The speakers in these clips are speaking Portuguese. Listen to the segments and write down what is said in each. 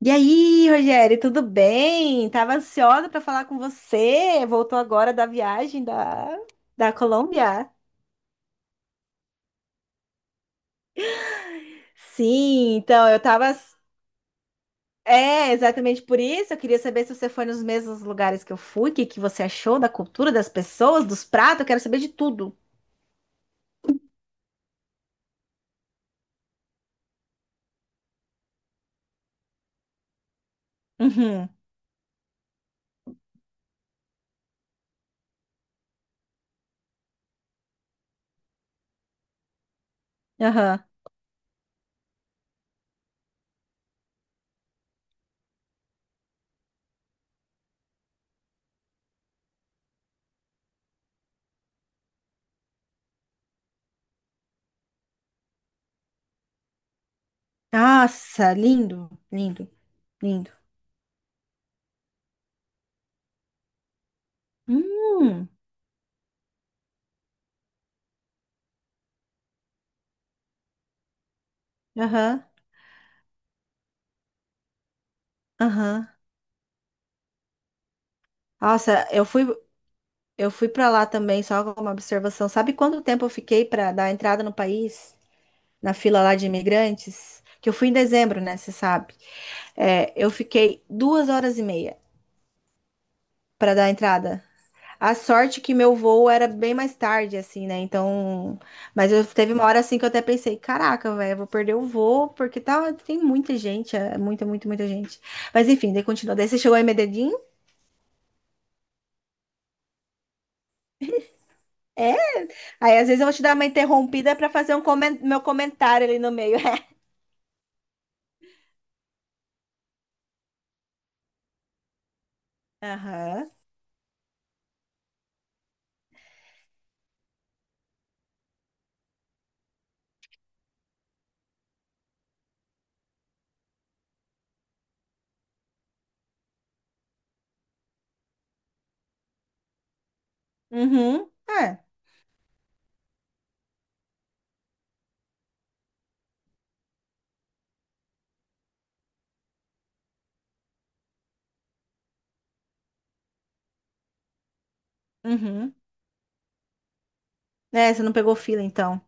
E aí, Rogério, tudo bem? Tava ansiosa para falar com você. Voltou agora da viagem da Colômbia? Sim, então eu tava. É, exatamente por isso. Eu queria saber se você foi nos mesmos lugares que eu fui, o que que você achou da cultura, das pessoas, dos pratos. Eu quero saber de tudo. Uhum, aham. Nossa, lindo, lindo, lindo. Hum, aham, aham. Nossa, eu fui. Eu fui para lá também, só com uma observação. Sabe quanto tempo eu fiquei para dar a entrada no país, na fila lá de imigrantes? Que eu fui em dezembro, né? Você sabe. É, eu fiquei duas horas e meia para dar a entrada. A sorte que meu voo era bem mais tarde, assim, né? Então. Mas eu teve uma hora assim que eu até pensei: caraca, velho, eu vou perder o voo, porque tá, tem muita gente, é muita, muita gente. Mas enfim, daí continua. Daí você chegou em Medellín. É? Aí às vezes eu vou te dar uma interrompida para fazer um meu comentário ali no meio. Aham. Uhum. É. Uhum. É, você não pegou fila, então.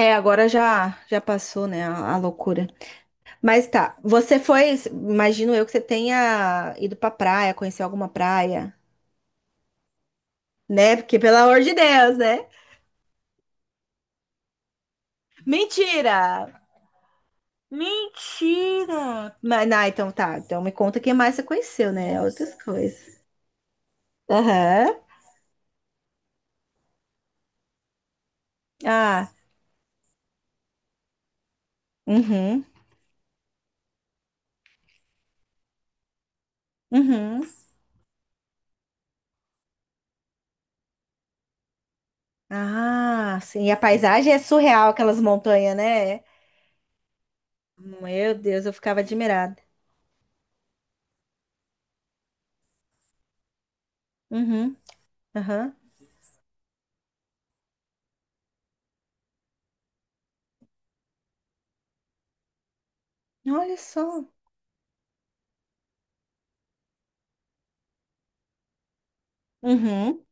É, agora já passou, né, a loucura. Mas tá, você foi, imagino eu que você tenha ido pra praia, conhecer alguma praia, né? Porque, pelo amor de Deus, né? Mentira! Mentira! Mas, não, então tá, então me conta quem mais você conheceu, né? Outras coisas. Aham. Ah, uhum. Uhum. Ah, sim, e a paisagem é surreal, aquelas montanhas, né? Meu Deus, eu ficava admirada. Uhum, aham. Olha só. Uhum.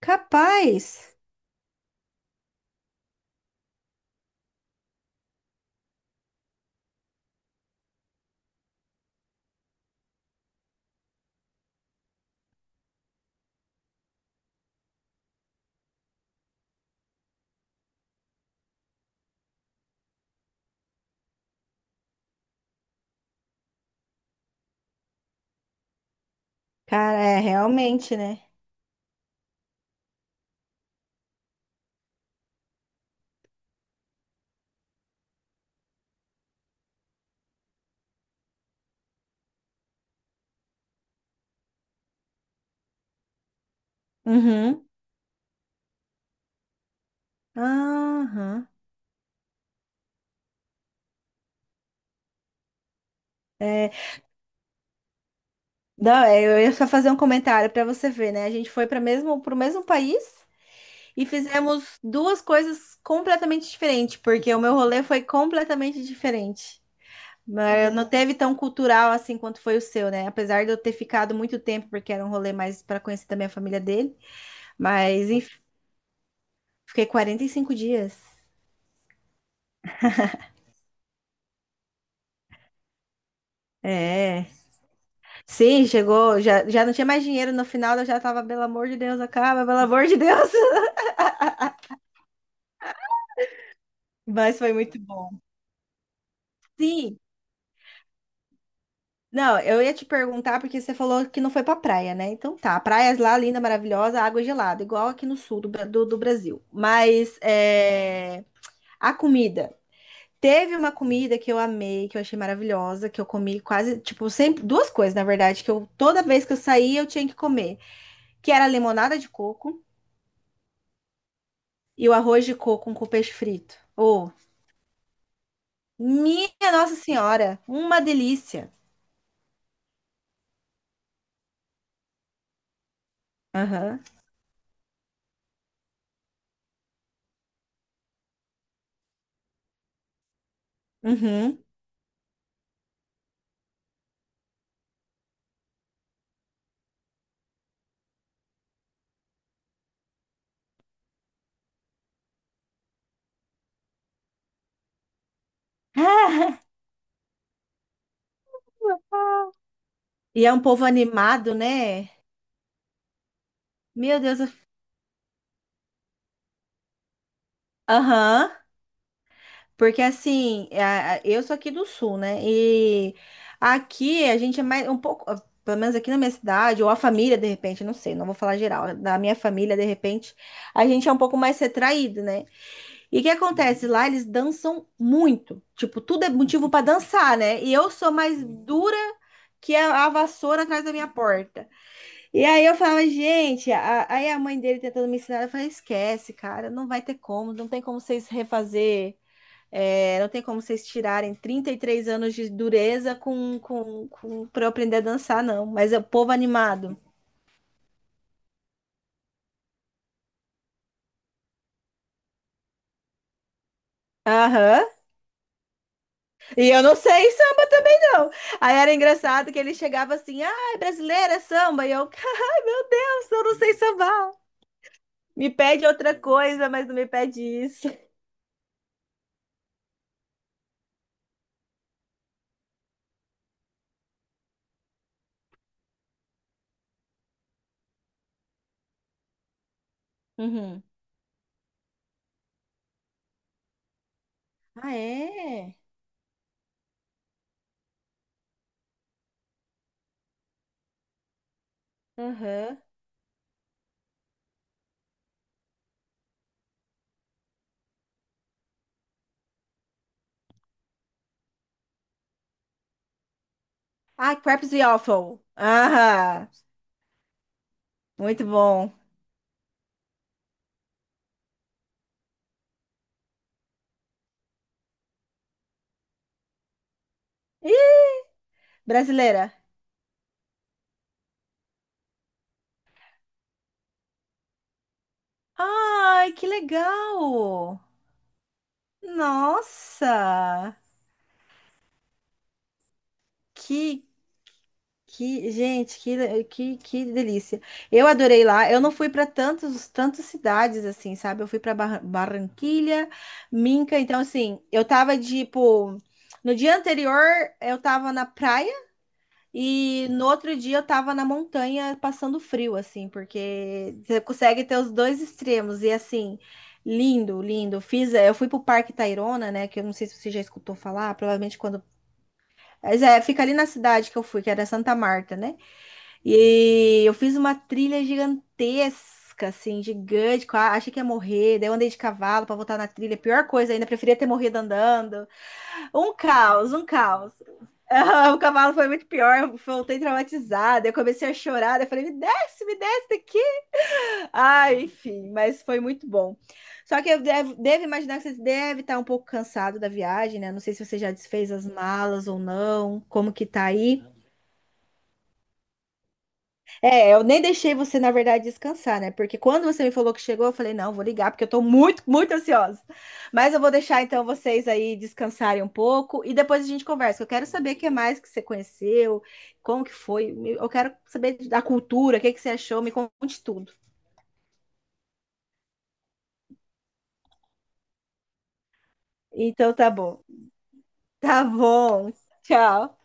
Capaz. Cara, é realmente, né? Uhum. Aham. É, não, é, eu ia só fazer um comentário para você ver, né? A gente foi para mesmo para o mesmo país e fizemos duas coisas completamente diferentes, porque o meu rolê foi completamente diferente. Mas não teve tão cultural assim quanto foi o seu, né? Apesar de eu ter ficado muito tempo, porque era um rolê mais para conhecer também a família dele. Mas, fiquei 45 dias. É. Sim, chegou. Já, não tinha mais dinheiro no final, eu já tava, pelo amor de Deus, acaba, pelo amor de Deus. Mas foi muito bom. Sim. Não, eu ia te perguntar porque você falou que não foi pra praia, né? Então tá, praias lá, linda, maravilhosa, água gelada, igual aqui no sul do Brasil. Mas é, a comida. Teve uma comida que eu amei, que eu achei maravilhosa, que eu comi quase, tipo, sempre, duas coisas, na verdade, que eu toda vez que eu saía eu tinha que comer, que era limonada de coco e o arroz de coco com peixe frito. Oh, minha Nossa Senhora, uma delícia. Aham. Uhum. Ah, e é um povo animado, né? Meu Deus. Aham. Porque assim, eu sou aqui do sul, né? E aqui a gente é mais um pouco, ah, pelo menos aqui na minha cidade, ou a família, de repente, não sei, não vou falar geral, da minha família, de repente, a gente é um pouco mais retraído, né? E o que acontece? Lá eles dançam muito. Tipo, tudo é motivo pra dançar, né? E eu sou mais dura que a vassoura atrás da minha porta. E aí eu falava, gente, aí a mãe dele tentando me ensinar, eu falei, esquece, cara, não vai ter como, não tem como vocês refazer, é, não tem como vocês tirarem 33 anos de dureza pra eu aprender a dançar, não. Mas é o povo animado. Aham. E eu não sei samba também, não. Aí era engraçado que ele chegava assim, ai, brasileira, é samba. E eu, ai, meu Deus, eu não sei sambar. Me pede outra coisa, mas não me pede isso. Uhum. Ah, é? Aham. Ah, crepes e waffle. Ah, muito bom. Ih, brasileira. Ai, que legal. Nossa, que, Que, gente, que, que, que delícia. Eu adorei lá. Eu não fui para tantas cidades assim, sabe? Eu fui para Barranquilha, Minca. Então, assim, eu tava tipo. No dia anterior, eu tava na praia e no outro dia eu tava na montanha passando frio, assim, porque você consegue ter os dois extremos. E, assim, lindo, lindo. Fiz, eu fui pro Parque Tayrona, né? Que eu não sei se você já escutou falar, provavelmente quando. Mas é, fica ali na cidade que eu fui, que era Santa Marta, né? E eu fiz uma trilha gigantesca, assim, gigante. Achei que ia morrer. Daí eu andei de cavalo pra voltar na trilha. Pior coisa ainda, preferia ter morrido andando. Um caos, um caos. O cavalo foi muito pior. Eu voltei traumatizada. Eu comecei a chorar. Daí eu falei, me desce daqui. Ai, enfim, mas foi muito bom. Só que eu devo imaginar que você deve estar um pouco cansado da viagem, né? Não sei se você já desfez as malas ou não. Como que tá aí? É, eu nem deixei você, na verdade, descansar, né? Porque quando você me falou que chegou, eu falei, não, vou ligar, porque eu tô muito ansiosa. Mas eu vou deixar, então, vocês aí descansarem um pouco e depois a gente conversa. Eu quero saber o que mais que você conheceu, como que foi. Eu quero saber da cultura, o que que você achou, me conte tudo. Então, tá bom. Tá bom. Tchau.